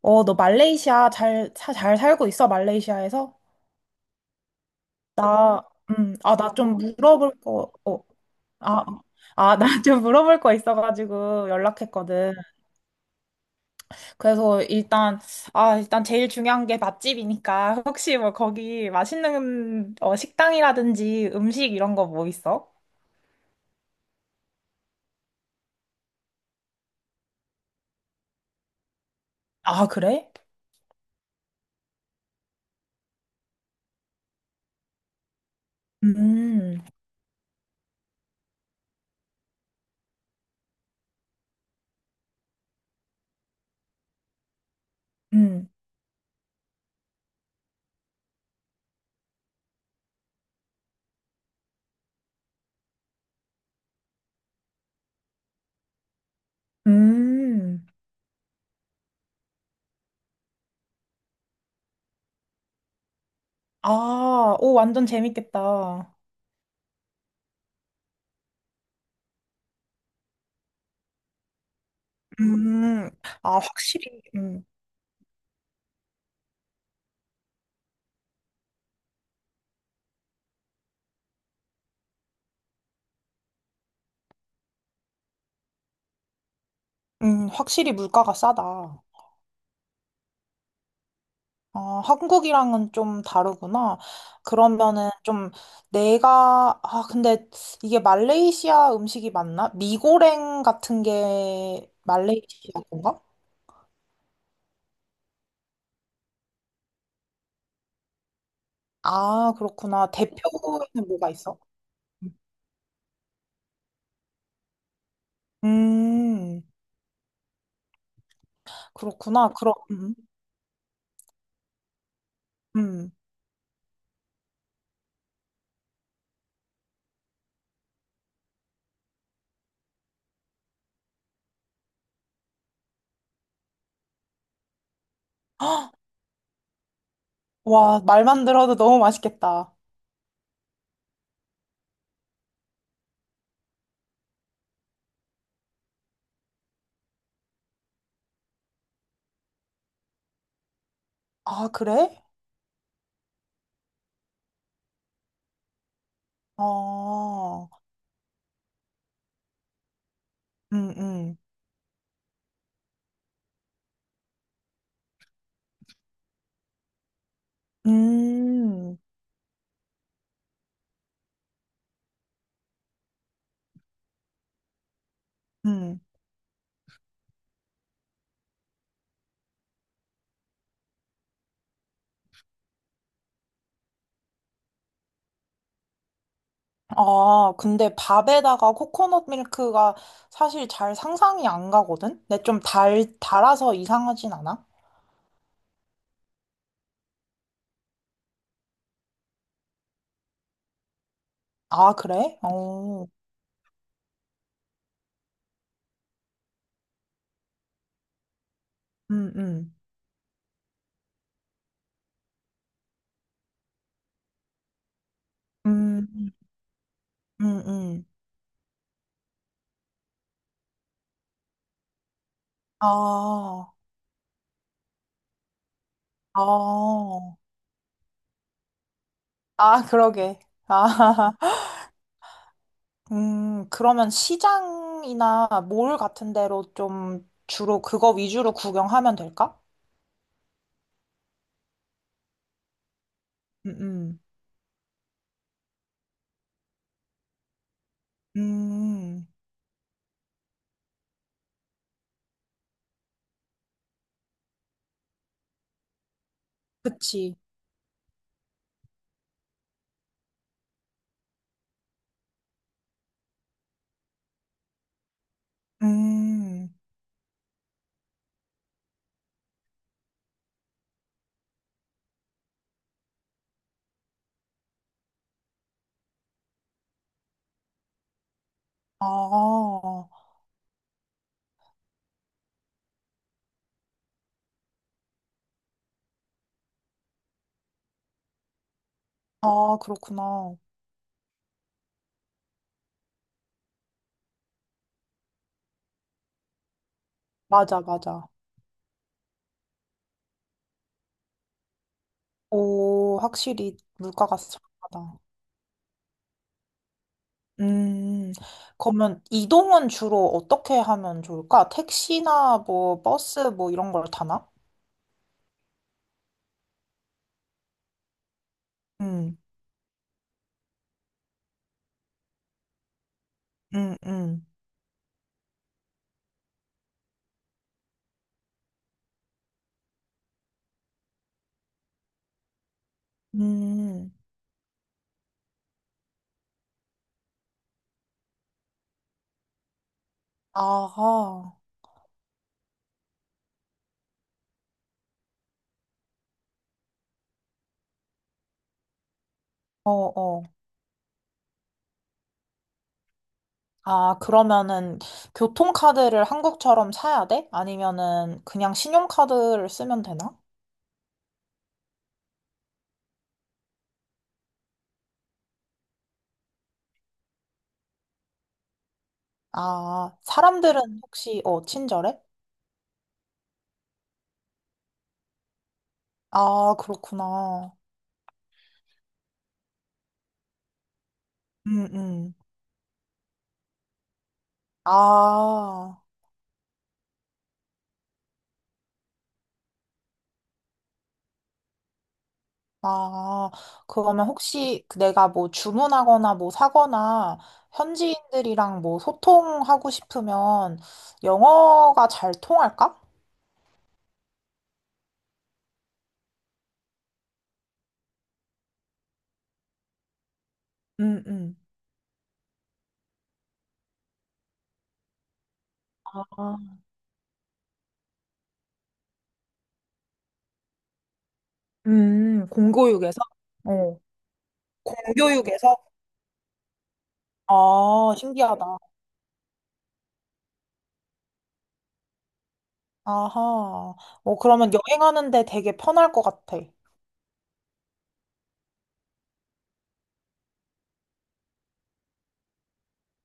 너 말레이시아 잘, 잘 살고 있어, 말레이시아에서? 나, 나 좀 물어볼 거, 어, 아, 어. 아, 나 좀 물어볼 거 있어가지고 연락했거든. 그래서 일단, 아, 일단 제일 중요한 게 맛집이니까 혹시 뭐 거기 맛있는 식당이라든지 음식 이런 거 뭐 있어? 아, 그래? 음, 음, 음. 아, 오, 완전 재밌겠다. 음, 아, 확실히. 음. 확실히 물가가 싸다. 어, 한국이랑은 좀 다르구나. 그러면은 좀 내가, 아, 근데 이게 말레이시아 음식이 맞나? 미고랭 같은 게 말레이시아 건가? 아, 그렇구나. 대표에는 뭐가 있어? 음, 그렇구나. 그럼, 음. 헉, 와, 말만 들어도 너무 맛있겠다. 아, 그래? 어, 음, 음, 음, 음. 아, 근데 밥에다가 코코넛 밀크가 사실 잘 상상이 안 가거든? 근데 좀 달, 달아서 이상하진 않아? 아, 그래? 어, 음, 음, 음, 음, 음. 아, 아, 아, 그러게. 아, 그러면 시장이나 몰 같은 데로 좀 주로 그거 위주로 구경하면 될까? 음, 음, 음, 그치. 음, 아, 아, 그렇구나. 맞아, 맞아. 오, 확실히 물가가 싸다. 음, 그러면 이동은 주로 어떻게 하면 좋을까? 택시나 뭐 버스 뭐 이런 걸 타나? 음, 음, 음, 음. 아하. 어, 어. 아, 그러면은 교통카드를 한국처럼 사야 돼? 아니면은 그냥 신용카드를 쓰면 되나? 아, 사람들은 혹시 친절해? 아, 그렇구나. 음, 음. 아. 아, 그러면 혹시 그 내가 뭐 주문하거나 뭐 사거나 현지인들이랑 뭐 소통하고 싶으면 영어가 잘 통할까? 음, 음. 아, 공교육에서? 어. 공교육에서? 아, 신기하다. 아하. 어, 그러면 여행하는데 되게 편할 것 같아.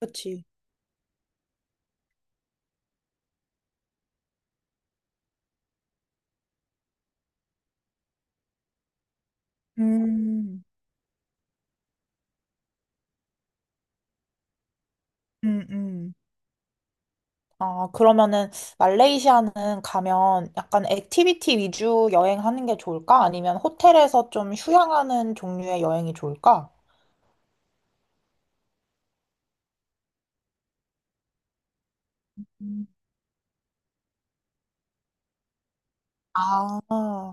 그치? 음. 음, 음. 아, 그러면은 말레이시아는 가면 약간 액티비티 위주 여행하는 게 좋을까? 아니면 호텔에서 좀 휴양하는 종류의 여행이 좋을까? 음. 아,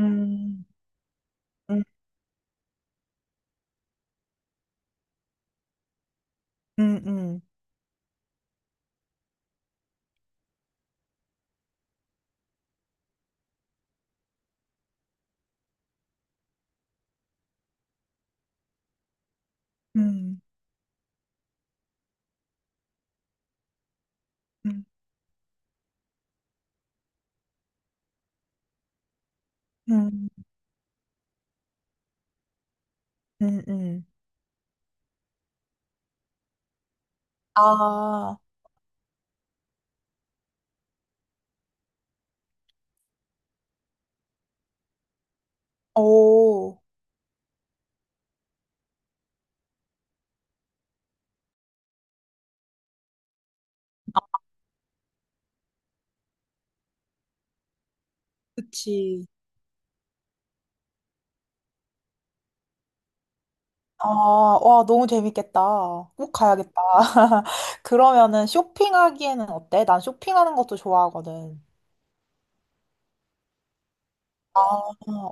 음, 음, 음, 음, 음, 음, 음, 음, 음. 아, 오. 그치. 아, 와, 너무 재밌겠다. 꼭 가야겠다. 그러면은 쇼핑하기에는 어때? 난 쇼핑하는 것도 좋아하거든. 아,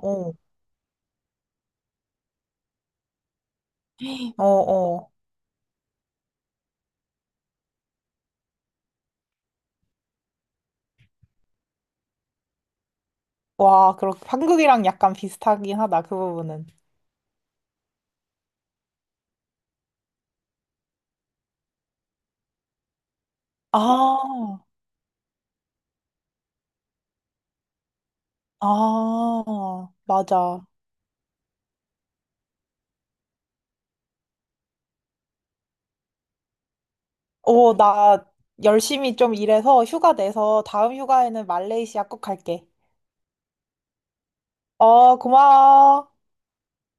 어, 어, 어. 와, 그렇 한국이랑 약간 비슷하긴 하다, 그 부분은. 아, 아, 맞아. 오, 나 열심히 좀 일해서 휴가 내서 다음 휴가에는 말레이시아 꼭 갈게. 어, 고마워.